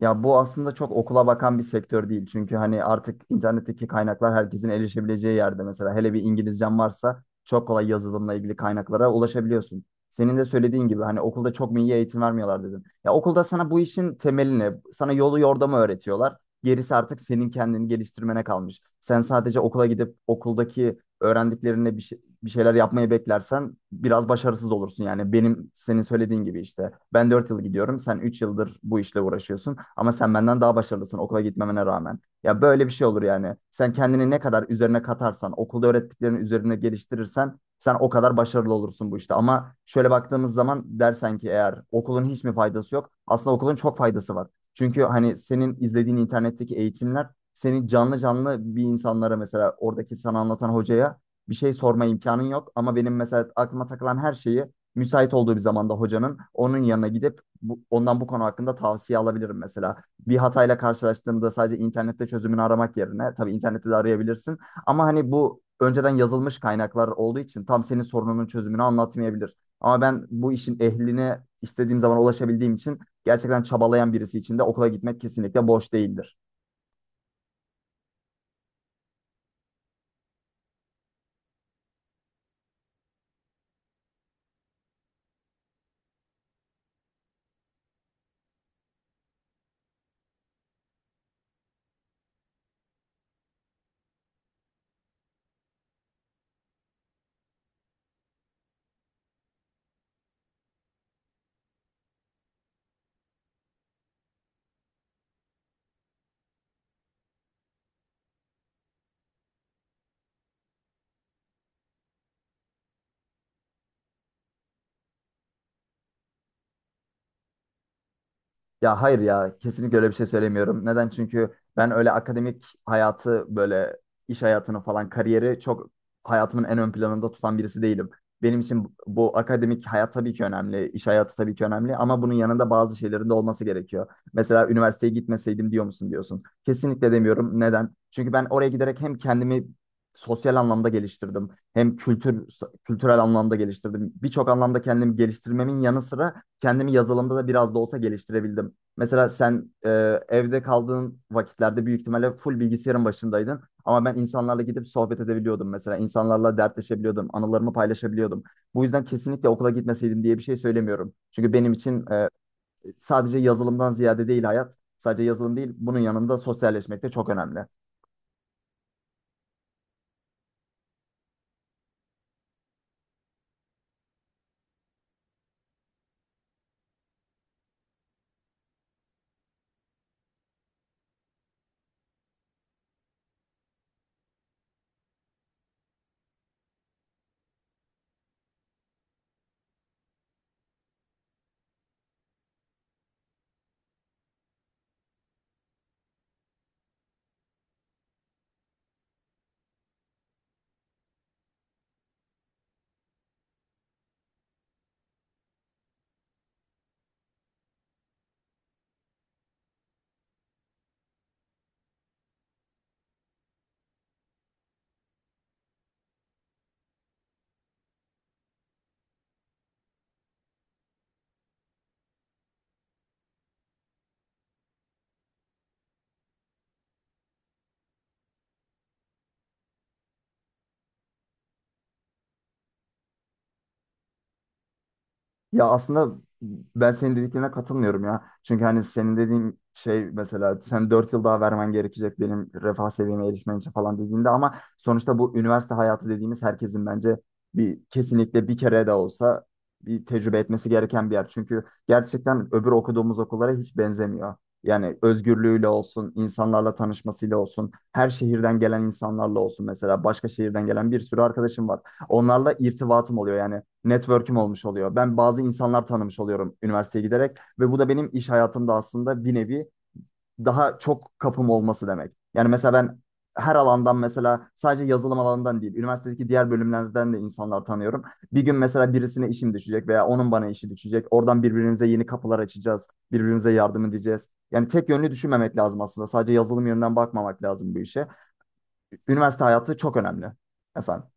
Ya bu aslında çok okula bakan bir sektör değil. Çünkü hani artık internetteki kaynaklar herkesin erişebileceği yerde mesela. Hele bir İngilizcen varsa çok kolay yazılımla ilgili kaynaklara ulaşabiliyorsun. Senin de söylediğin gibi hani okulda çok mu iyi eğitim vermiyorlar dedin. Ya okulda sana bu işin temelini, sana yolu yordamı öğretiyorlar. Gerisi artık senin kendini geliştirmene kalmış. Sen sadece okula gidip okuldaki öğrendiklerine bir şeyler yapmayı beklersen biraz başarısız olursun. Yani benim senin söylediğin gibi işte ben 4 yıl gidiyorum, sen 3 yıldır bu işle uğraşıyorsun ama sen benden daha başarılısın okula gitmemene rağmen. Ya böyle bir şey olur yani. Sen kendini ne kadar üzerine katarsan, okulda öğrettiklerini üzerine geliştirirsen sen o kadar başarılı olursun bu işte. Ama şöyle baktığımız zaman dersen ki eğer okulun hiç mi faydası yok? Aslında okulun çok faydası var. Çünkü hani senin izlediğin internetteki eğitimler seni canlı canlı bir insanlara, mesela oradaki sana anlatan hocaya bir şey sorma imkanın yok. Ama benim mesela aklıma takılan her şeyi müsait olduğu bir zamanda hocanın onun yanına gidip bu, ondan bu konu hakkında tavsiye alabilirim mesela. Bir hatayla karşılaştığımda sadece internette çözümünü aramak yerine, tabii internette de arayabilirsin ama hani bu önceden yazılmış kaynaklar olduğu için tam senin sorununun çözümünü anlatmayabilir. Ama ben bu işin ehline istediğim zaman ulaşabildiğim için gerçekten çabalayan birisi için de okula gitmek kesinlikle boş değildir. Ya hayır, ya kesinlikle öyle bir şey söylemiyorum. Neden? Çünkü ben öyle akademik hayatı, böyle iş hayatını falan, kariyeri çok hayatımın en ön planında tutan birisi değilim. Benim için bu akademik hayat tabii ki önemli, iş hayatı tabii ki önemli ama bunun yanında bazı şeylerin de olması gerekiyor. Mesela üniversiteye gitmeseydim diyor musun diyorsun. Kesinlikle demiyorum. Neden? Çünkü ben oraya giderek hem kendimi sosyal anlamda geliştirdim, hem kültürel anlamda geliştirdim. Birçok anlamda kendimi geliştirmemin yanı sıra kendimi yazılımda da biraz da olsa geliştirebildim. Mesela sen, evde kaldığın vakitlerde büyük ihtimalle full bilgisayarın başındaydın. Ama ben insanlarla gidip sohbet edebiliyordum mesela. İnsanlarla dertleşebiliyordum, anılarımı paylaşabiliyordum. Bu yüzden kesinlikle okula gitmeseydim diye bir şey söylemiyorum. Çünkü benim için sadece yazılımdan ziyade değil hayat, sadece yazılım değil, bunun yanında sosyalleşmek de çok önemli. Ya aslında ben senin dediklerine katılmıyorum ya. Çünkü hani senin dediğin şey, mesela sen 4 yıl daha vermen gerekecek benim refah seviyeme erişmen için falan dediğinde, ama sonuçta bu üniversite hayatı dediğimiz herkesin bence kesinlikle bir kere de olsa bir tecrübe etmesi gereken bir yer. Çünkü gerçekten öbür okuduğumuz okullara hiç benzemiyor. Yani özgürlüğüyle olsun, insanlarla tanışmasıyla olsun, her şehirden gelen insanlarla olsun, mesela başka şehirden gelen bir sürü arkadaşım var. Onlarla irtibatım oluyor, yani network'üm olmuş oluyor. Ben bazı insanlar tanımış oluyorum üniversiteye giderek ve bu da benim iş hayatımda aslında bir nevi daha çok kapım olması demek. Yani mesela ben her alandan, mesela sadece yazılım alanından değil, üniversitedeki diğer bölümlerden de insanlar tanıyorum. Bir gün mesela birisine işim düşecek veya onun bana işi düşecek. Oradan birbirimize yeni kapılar açacağız, birbirimize yardım edeceğiz. Yani tek yönlü düşünmemek lazım aslında. Sadece yazılım yönünden bakmamak lazım bu işe. Üniversite hayatı çok önemli efendim.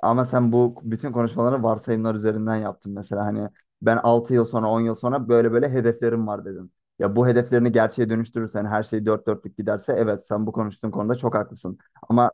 Ama sen bu bütün konuşmaları varsayımlar üzerinden yaptın, mesela hani ben 6 yıl sonra, 10 yıl sonra böyle böyle hedeflerim var dedin. Ya bu hedeflerini gerçeğe dönüştürürsen, her şey dört dörtlük giderse evet, sen bu konuştuğun konuda çok haklısın. Ama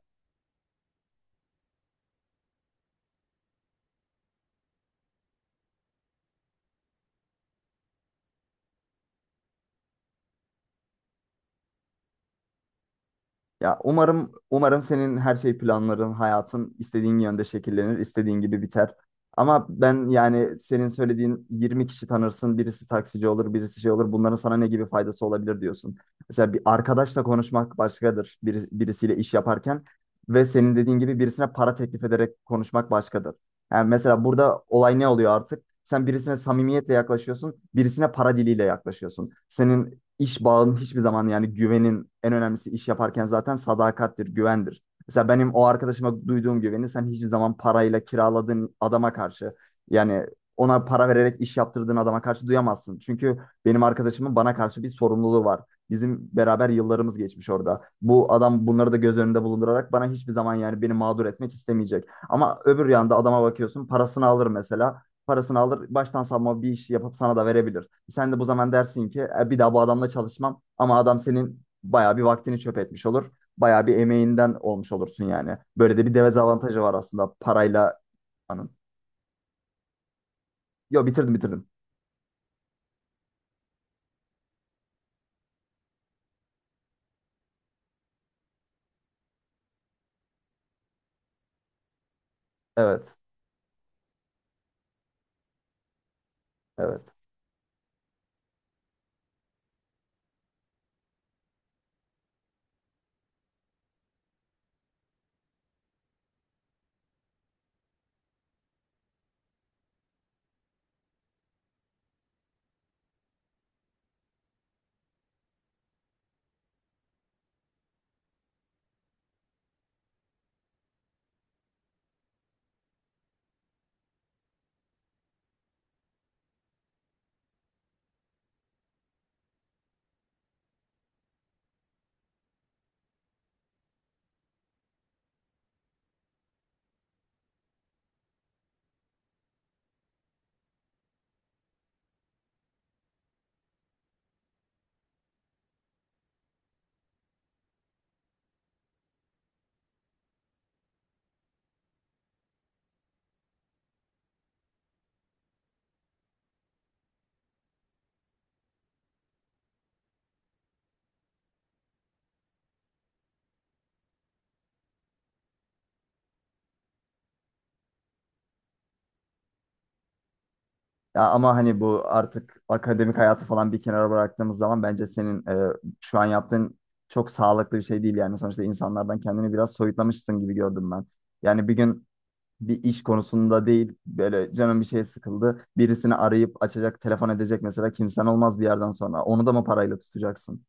Ya umarım umarım senin her şey planların, hayatın istediğin yönde şekillenir, istediğin gibi biter. Ama ben yani senin söylediğin 20 kişi tanırsın, birisi taksici olur, birisi şey olur. Bunların sana ne gibi faydası olabilir diyorsun. Mesela bir arkadaşla konuşmak başkadır, birisiyle iş yaparken ve senin dediğin gibi birisine para teklif ederek konuşmak başkadır. Yani mesela burada olay ne oluyor artık? Sen birisine samimiyetle yaklaşıyorsun, birisine para diliyle yaklaşıyorsun. Senin iş bağının hiçbir zaman, yani güvenin en önemlisi iş yaparken zaten sadakattir, güvendir. Mesela benim o arkadaşıma duyduğum güveni sen hiçbir zaman parayla kiraladığın adama karşı, yani ona para vererek iş yaptırdığın adama karşı duyamazsın. Çünkü benim arkadaşımın bana karşı bir sorumluluğu var. Bizim beraber yıllarımız geçmiş orada. Bu adam bunları da göz önünde bulundurarak bana hiçbir zaman, yani beni mağdur etmek istemeyecek. Ama öbür yanda adama bakıyorsun, parasını alır, baştan savma bir iş yapıp sana da verebilir. Sen de bu zaman dersin ki, "E, bir daha bu adamla çalışmam," ama adam senin bayağı bir vaktini çöp etmiş olur. Bayağı bir emeğinden olmuş olursun yani. Böyle de bir dezavantajı var aslında parayla. Anın. Yo, bitirdim. Evet. Evet. Ya ama hani bu artık akademik hayatı falan bir kenara bıraktığımız zaman bence senin, şu an yaptığın çok sağlıklı bir şey değil yani. Sonuçta insanlardan kendini biraz soyutlamışsın gibi gördüm ben. Yani bir gün bir iş konusunda değil, böyle canım bir şey sıkıldı, birisini arayıp açacak, telefon edecek mesela kimsen olmaz bir yerden sonra. Onu da mı parayla tutacaksın?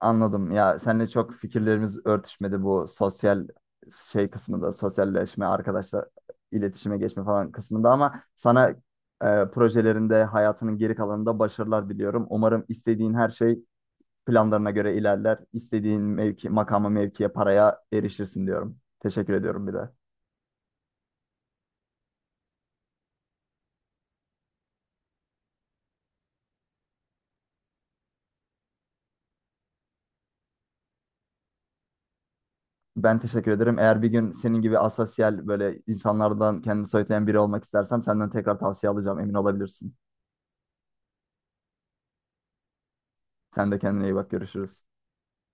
Anladım. Ya seninle çok fikirlerimiz örtüşmedi bu sosyal şey kısmında, sosyalleşme, arkadaşlar, iletişime geçme falan kısmında, ama sana projelerinde, hayatının geri kalanında başarılar diliyorum. Umarım istediğin her şey planlarına göre ilerler. İstediğin mevki, makama, mevkiye, paraya erişirsin diyorum. Teşekkür ediyorum bir de. Ben teşekkür ederim. Eğer bir gün senin gibi asosyal, böyle insanlardan kendini soyutlayan biri olmak istersem senden tekrar tavsiye alacağım. Emin olabilirsin. Sen de kendine iyi bak. Görüşürüz.